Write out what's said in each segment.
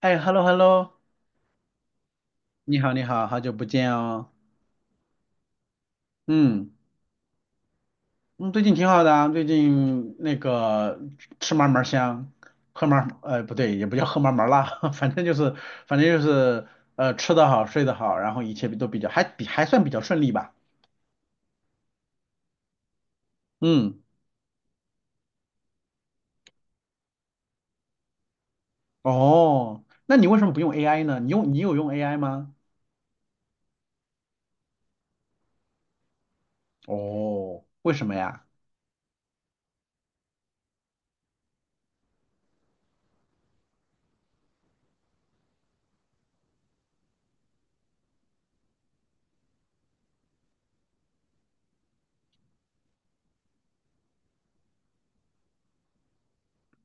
哎，hello hello，你好你好，好久不见哦。嗯嗯，最近挺好的啊，最近那个吃嘛嘛香，喝嘛不对，也不叫喝嘛嘛辣，反正就是反正就是吃得好睡得好，然后一切都比较还算比较顺利吧。嗯，哦，那你为什么不用 AI 呢？你有用 AI 吗？哦，为什么呀？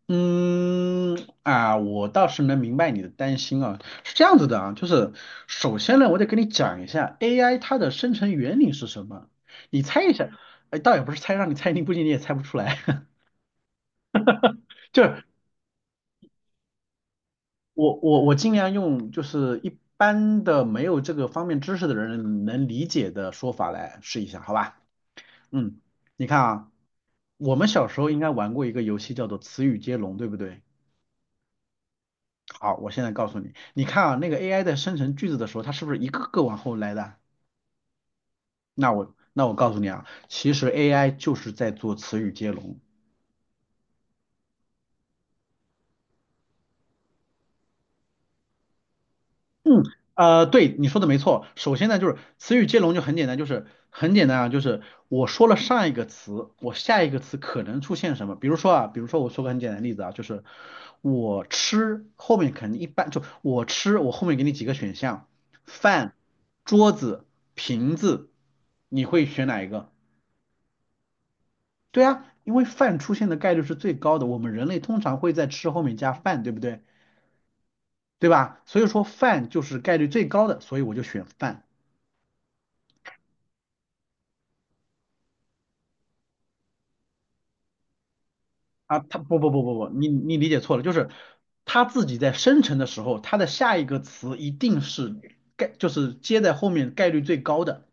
嗯啊，我倒是能明白你的担心啊，是这样子的啊，就是首先呢，我得跟你讲一下 AI 它的生成原理是什么，你猜一下，哎，倒也不是猜，让你猜，你估计你也猜不出来，就是我尽量用就是一般的没有这个方面知识的人能理解的说法来试一下，好吧？嗯，你看啊，我们小时候应该玩过一个游戏叫做词语接龙，对不对？好，我现在告诉你，你看啊，那个 AI 在生成句子的时候，它是不是一个个往后来的？那我告诉你啊，其实 AI 就是在做词语接龙。对，你说的没错。首先呢，就是词语接龙就很简单，就是很简单啊，就是我说了上一个词，我下一个词可能出现什么？比如说啊，比如说我说个很简单的例子啊，就是我吃后面肯定一般就我吃，我后面给你几个选项，饭、桌子、瓶子，你会选哪一个？对啊，因为饭出现的概率是最高的，我们人类通常会在吃后面加饭，对不对？对吧？所以说饭就是概率最高的，所以我就选饭啊。他不不不不不，你理解错了，就是他自己在生成的时候，他的下一个词一定是就是接在后面概率最高的，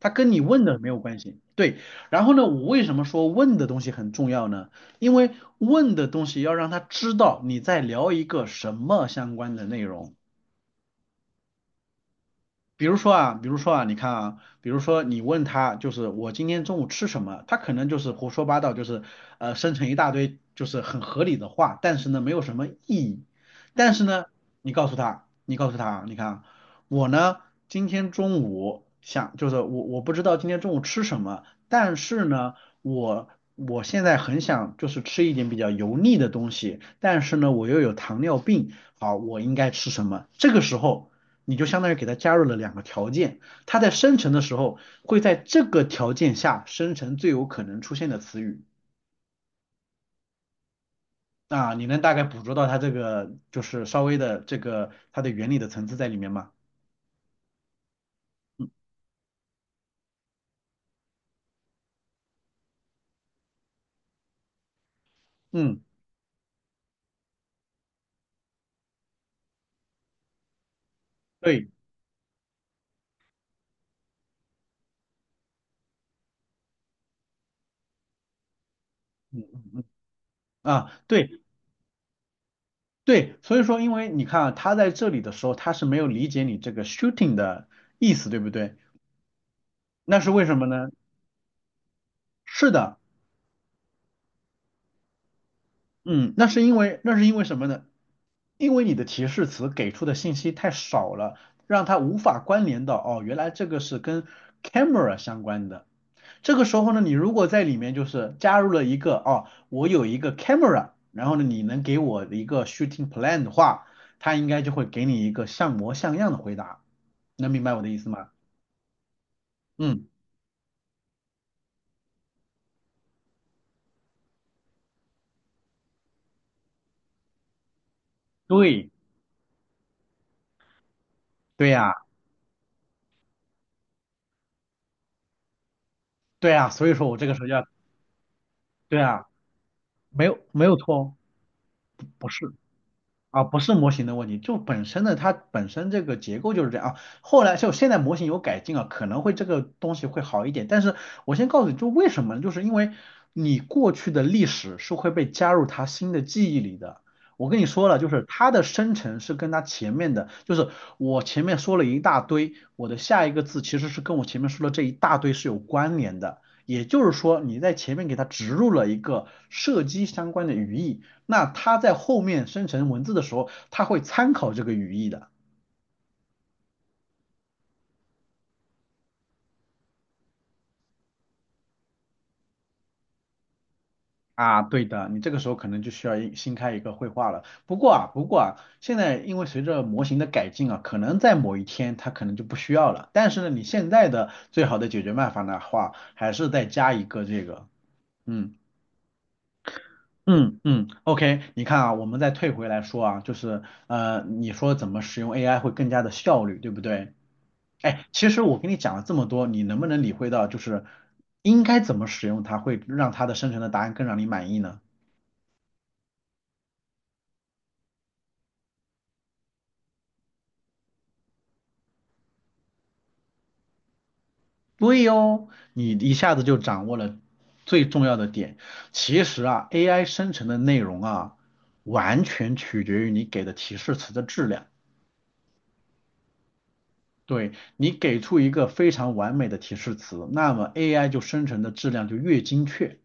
它跟你问的没有关系。对，然后呢，我为什么说问的东西很重要呢？因为问的东西要让他知道你在聊一个什么相关的内容。比如说啊，比如说啊，你看啊，比如说你问他，就是我今天中午吃什么，他可能就是胡说八道，就是生成一大堆就是很合理的话，但是呢没有什么意义。但是呢，你告诉他，你告诉他啊，你看啊，我呢今天中午想就是我不知道今天中午吃什么，但是呢我我现在很想就是吃一点比较油腻的东西，但是呢我又有糖尿病，好，我应该吃什么？这个时候。你就相当于给它加入了两个条件，它在生成的时候会在这个条件下生成最有可能出现的词语啊，你能大概捕捉到它这个就是稍微的这个它的原理的层次在里面吗？嗯，对，嗯啊，对对，所以说因为你看啊，他在这里的时候它是没有理解你这个 shooting 的意思，对不对？那是为什么呢？是的，嗯，那是因为什么呢？因为你的提示词给出的信息太少了，让它无法关联到哦，原来这个是跟 camera 相关的。这个时候呢，你如果在里面就是加入了一个哦，我有一个 camera，然后呢，你能给我一个 shooting plan 的话，它应该就会给你一个像模像样的回答。能明白我的意思吗？嗯，对，对呀，对呀，所以说我这个时候要，对呀，没有没有错哦，不是。啊，不是模型的问题，就本身的它本身这个结构就是这样啊。后来就现在模型有改进啊，可能会这个东西会好一点。但是我先告诉你，就为什么呢？就是因为你过去的历史是会被加入它新的记忆里的。我跟你说了，就是它的生成是跟它前面的，就是我前面说了一大堆，我的下一个字其实是跟我前面说的这一大堆是有关联的。也就是说，你在前面给它植入了一个射击相关的语义。那它在后面生成文字的时候，它会参考这个语义的啊。对的，你这个时候可能就需要新开一个绘画了。不过啊，不过啊，现在因为随着模型的改进啊，可能在某一天它可能就不需要了。但是呢，你现在的最好的解决办法的话，还是再加一个这个，嗯。嗯嗯，OK，你看啊，我们再退回来说啊，就是你说怎么使用 AI 会更加的效率，对不对？哎，其实我跟你讲了这么多，你能不能理会到，就是应该怎么使用它，会让它的生成的答案更让你满意呢？对哦，你一下子就掌握了最重要的点。其实啊，AI 生成的内容啊，完全取决于你给的提示词的质量。对，你给出一个非常完美的提示词，那么 AI 就生成的质量就越精确。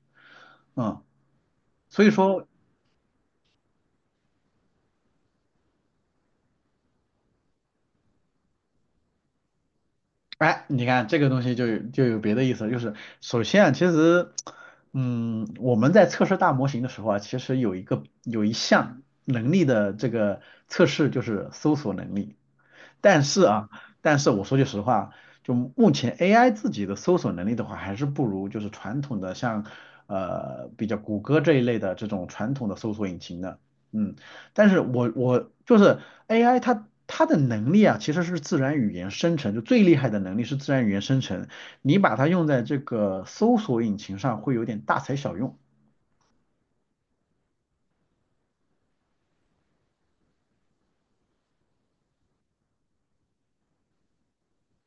嗯，所以说哎，你看这个东西就有别的意思了就是首先啊，其实，嗯，我们在测试大模型的时候啊，其实有一项能力的这个测试就是搜索能力，但是啊，但是我说句实话，就目前 AI 自己的搜索能力的话，还是不如就是传统的像比较谷歌这一类的这种传统的搜索引擎的，嗯，但是我就是 AI 它的能力啊，其实是自然语言生成，就最厉害的能力是自然语言生成。你把它用在这个搜索引擎上，会有点大材小用。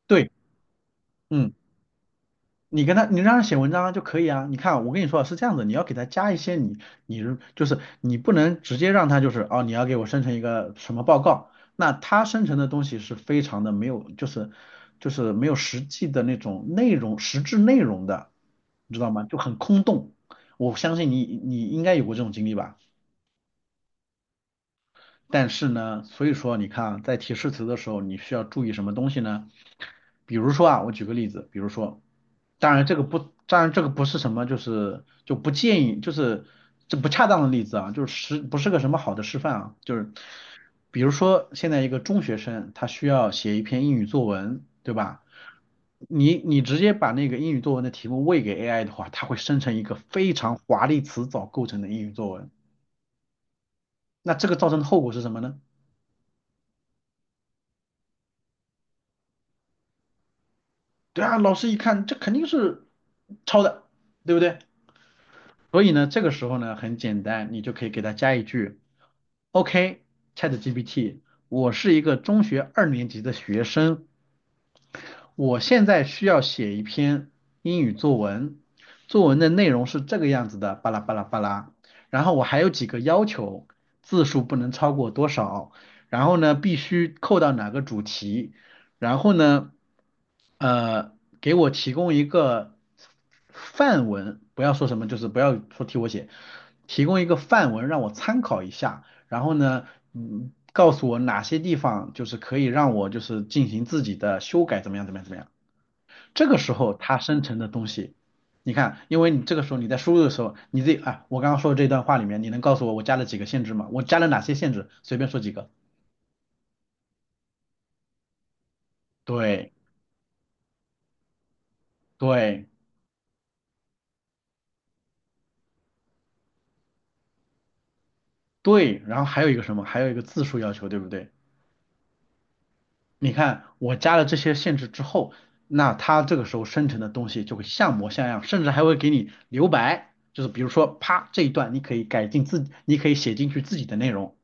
对，嗯。你让他写文章就可以啊。你看，我跟你说啊是这样子，你要给他加一些你就是你不能直接让他就是哦，你要给我生成一个什么报告，那他生成的东西是非常的没有，就是没有实际的那种内容，实质内容的，你知道吗？就很空洞。我相信你，你应该有过这种经历吧？但是呢，所以说你看啊，在提示词的时候，你需要注意什么东西呢？比如说啊，我举个例子，比如说，当然这个不，当然这个不是什么，就是就不建议，就是这不恰当的例子啊，就是不是个什么好的示范啊，就是比如说现在一个中学生，他需要写一篇英语作文，对吧？你直接把那个英语作文的题目喂给 AI 的话，它会生成一个非常华丽词藻构成的英语作文，那这个造成的后果是什么呢？对啊，老师一看这肯定是抄的，对不对？所以呢，这个时候呢很简单，你就可以给他加一句，OK，ChatGPT，我是一个中学二年级的学生，我现在需要写一篇英语作文，作文的内容是这个样子的，巴拉巴拉巴拉。然后我还有几个要求，字数不能超过多少，然后呢必须扣到哪个主题，然后呢，呃，给我提供一个范文，不要说什么，就是不要说替我写，提供一个范文让我参考一下。然后呢，告诉我哪些地方就是可以让我就是进行自己的修改，怎么样，怎么样，怎么样。这个时候它生成的东西，你看，因为你这个时候你在输入的时候，你自己啊，我刚刚说的这段话里面，你能告诉我我加了几个限制吗？我加了哪些限制？随便说几个。对对对，然后还有一个什么？还有一个字数要求，对不对？你看，我加了这些限制之后，那它这个时候生成的东西就会像模像样，甚至还会给你留白，就是比如说，啪，这一段你可以改进自己，你可以写进去自己的内容，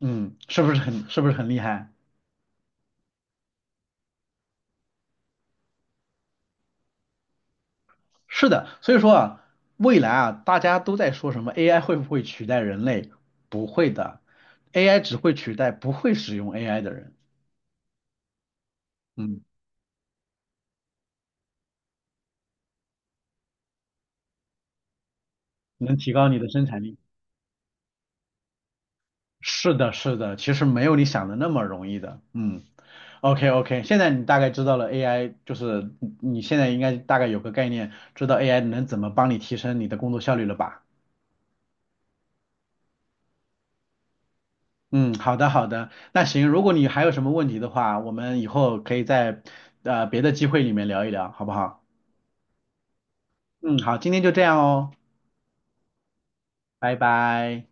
嗯，是不是很厉害？是的，所以说啊，未来啊，大家都在说什么 AI 会不会取代人类？不会的，AI 只会取代不会使用 AI 的人，嗯，能提高你的生产力。是的，是的，其实没有你想的那么容易的，嗯。OK OK，现在你大概知道了 AI，就是你现在应该大概有个概念，知道 AI 能怎么帮你提升你的工作效率了吧？嗯，好的好的，那行，如果你还有什么问题的话，我们以后可以在别的机会里面聊一聊，好不好？嗯，好，今天就这样哦，拜拜。